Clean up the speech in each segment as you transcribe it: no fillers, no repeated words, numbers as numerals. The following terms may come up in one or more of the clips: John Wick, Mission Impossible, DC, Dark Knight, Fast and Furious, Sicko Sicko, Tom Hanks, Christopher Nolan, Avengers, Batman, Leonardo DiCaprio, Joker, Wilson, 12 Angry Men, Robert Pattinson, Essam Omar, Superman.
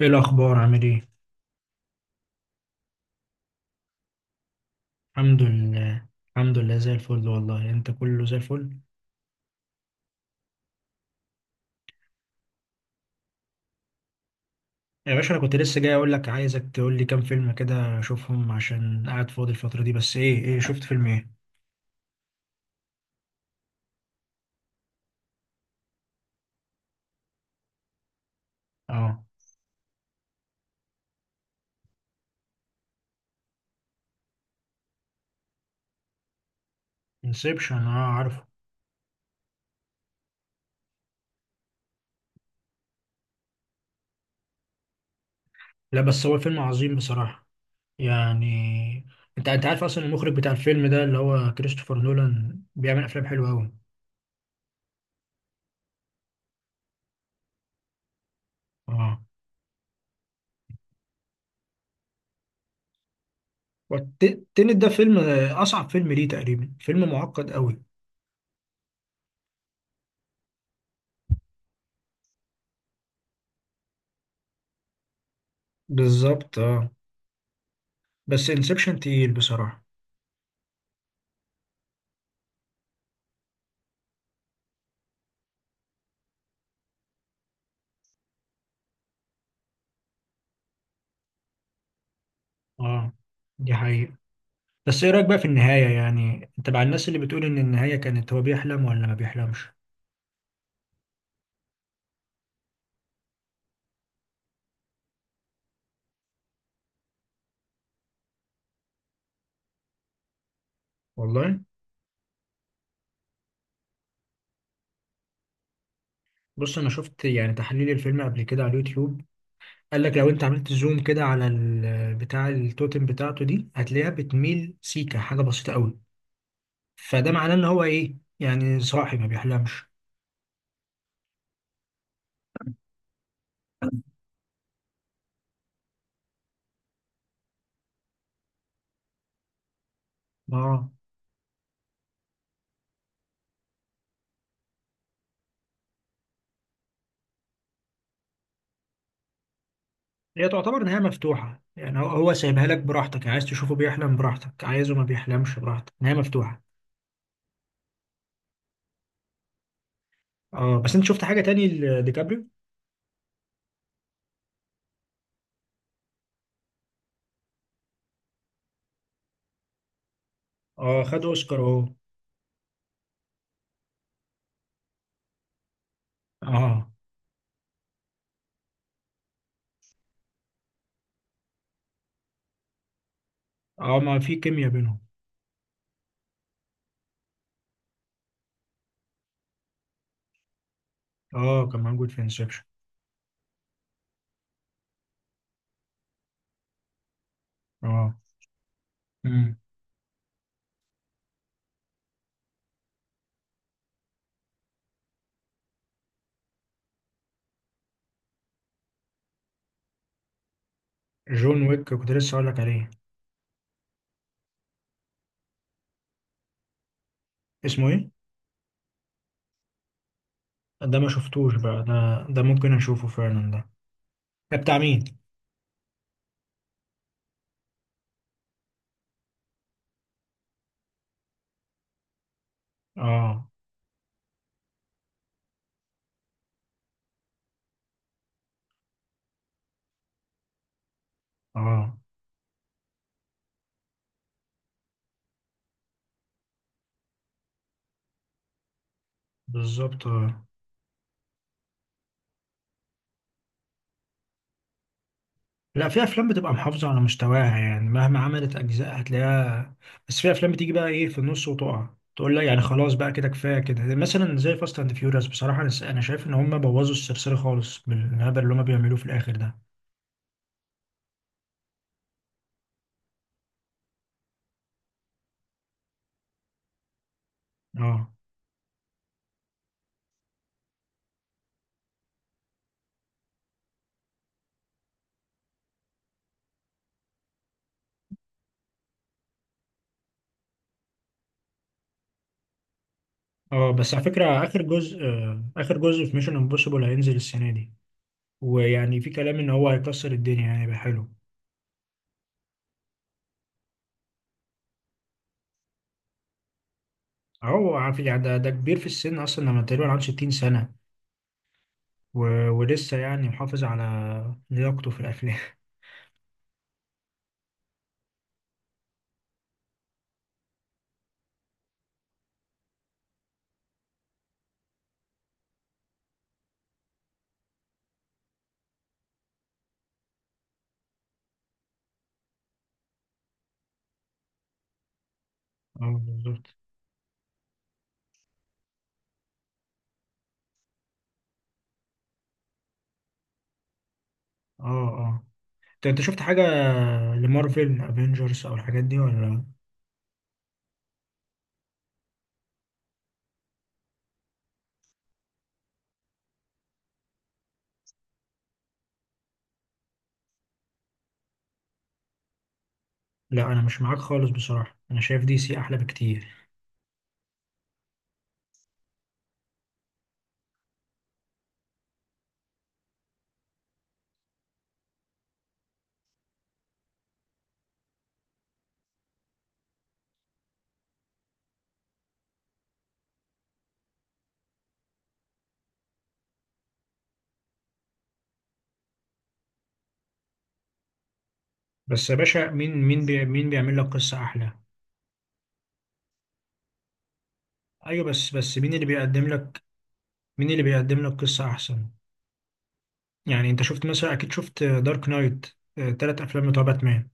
ايه الاخبار عامل ايه؟ الحمد لله. الحمد لله زي الفل والله، انت كله زي الفل. يا باشا انا كنت لسه جاي اقول لك، عايزك تقول لي كام فيلم كده اشوفهم عشان قاعد فاضي الفتره دي. بس ايه شفت فيلم ايه؟ اه، انسبشن، اه عارفه. لا بس هو فيلم عظيم بصراحه. يعني انت عارف اصلا المخرج بتاع الفيلم ده اللي هو كريستوفر نولان بيعمل افلام حلوه قوي. اه، والتنت ده فيلم اصعب فيلم ليه تقريبا، فيلم معقد قوي. بالظبط اه. بس انسبشن تقيل بصراحه. اه دي حقيقة. بس ايه رأيك بقى في النهاية؟ يعني انت مع الناس اللي بتقول ان النهاية كانت هو بيحلم ولا ما بيحلمش؟ والله بص انا شفت يعني تحليل الفيلم قبل كده على اليوتيوب. قال لك لو انت عملت زوم كده على بتاع التوتم بتاعته دي هتلاقيها بتميل سيكا، حاجة بسيطة قوي. فده معناه ان هو ايه، يعني صاحي، ما بيحلمش. اه، هي تعتبر نهاية مفتوحة. يعني هو سايبها لك براحتك، يعني عايز تشوفه بيحلم براحتك، عايزه ما بيحلمش براحتك، نهاية مفتوحة. اه بس انت شفت حاجة تاني لديكابريو؟ اه خد اوسكار اهو. اه اه، ما في كيمياء بينهم. اه كان موجود في انسبشن. اه. مم. جون ويك كنت لسه اقول لك عليه. اسمه ايه؟ ده ما شفتوش بقى، ده ممكن اشوفه فعلا ده. ده بتاع مين؟ اه. اه بالظبط آه. لا في افلام بتبقى محافظه على مستواها، يعني مهما عملت اجزاء هتلاقيها. بس في افلام بتيجي بقى ايه في النص وتقع، تقول لا يعني خلاص بقى كده، كفايه كده، مثلا زي فاست اند فيوريوس. بصراحه أنا شايف ان هم بوظوا السلسله خالص بالهبل اللي هم بيعملوه في الاخر ده. اه اه. بس على فكرة آخر جزء في ميشن امبوسيبل هينزل السنة دي. ويعني في كلام إن هو هيكسر الدنيا، يعني يبقى حلو. أهو عارف يعني، ده كبير في السن أصلا، لما تقريبا عنده 60 سنة. و... ولسه يعني محافظ على لياقته في الأفلام. اه بالظبط. اه اه. أنت شفت حاجة لمارفل افنجرز أو الحاجات دي ولا؟ لا أنا مش معاك خالص بصراحة، أنا شايف دي سي أحلى بكتير. بس يا باشا مين بيعمل لك قصة أحلى؟ ايوه بس مين اللي بيقدم لك قصة أحسن؟ يعني أنت شفت مثلا، أكيد شفت دارك نايت، تلات أفلام بتوع باتمان.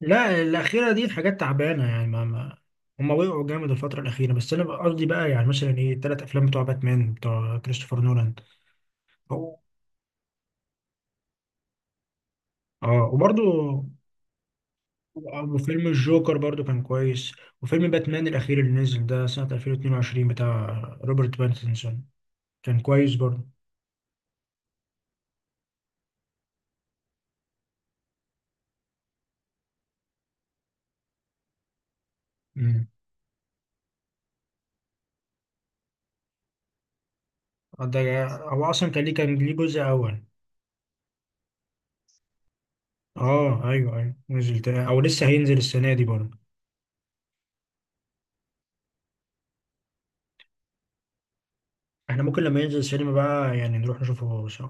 لا الأخيرة دي حاجات تعبانة، يعني ما هما وقعوا جامد الفترة الأخيرة. بس أنا بقى قصدي بقى يعني مثلا إيه، التلات أفلام بتوع باتمان بتوع كريستوفر نولان. هو- أه وبرضو وفيلم الجوكر برضو كان كويس. وفيلم باتمان الأخير اللي نزل ده سنة 2022 بتاع روبرت باتنسون كان كويس برضو. مم. ده هو أصلا كان ليه جزء أول؟ اه ايوه ايوه نزل تاني او لسه هينزل السنه دي برضه. احنا ممكن لما ينزل السينما بقى يعني نروح نشوفه سوا.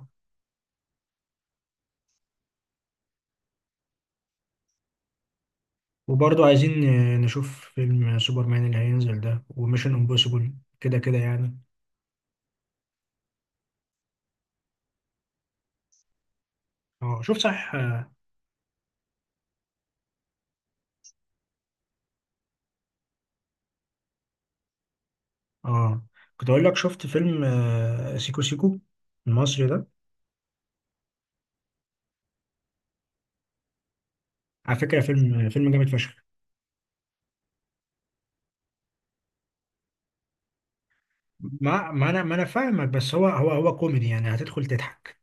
وبرضه عايزين نشوف فيلم سوبرمان اللي هينزل ده وميشن امبوسيبل، كده كده يعني. اه شوف صح اه آه. كنت اقول لك، شفت فيلم سيكو سيكو المصري ده؟ على فكره فيلم جامد فشخ. ما انا فاهمك، بس هو كوميدي، يعني هتدخل تضحك.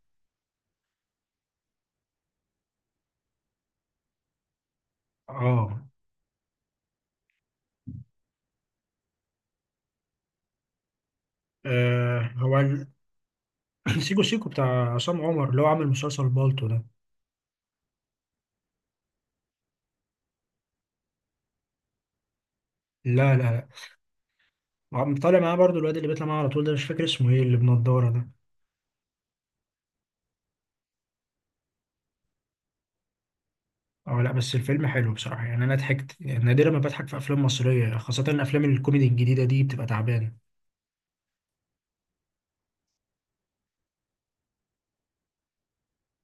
اه آه، هو ال- سيكو سيكو بتاع عصام عمر، اللي هو عامل مسلسل بالطو ده. لا طالع معاه برضو الواد اللي بيطلع معاه على طول ده، مش فاكر اسمه ايه، اللي بنضاره ده. اه لا بس الفيلم حلو بصراحة، يعني انا ضحكت. يعني نادرا ما بضحك في افلام مصرية، خاصة افلام الكوميدي الجديدة دي بتبقى تعبانة.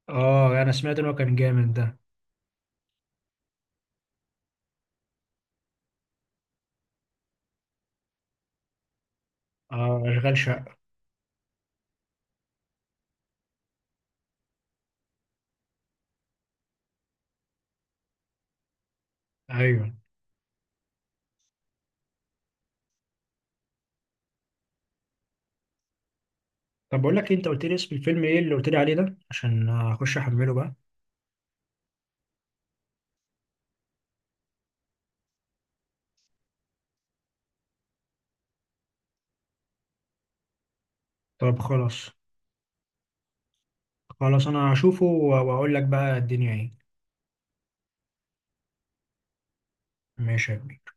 اه انا سمعت ان هو كان جامد ده. اه اشغال شقة. ايوه طب بقول لك إيه، انت قلت لي اسم الفيلم ايه اللي قلت لي عليه ده عشان اخش احمله بقى؟ طب خلاص. خلاص انا هشوفه واقول لك بقى الدنيا ايه. ماشي يا كبير.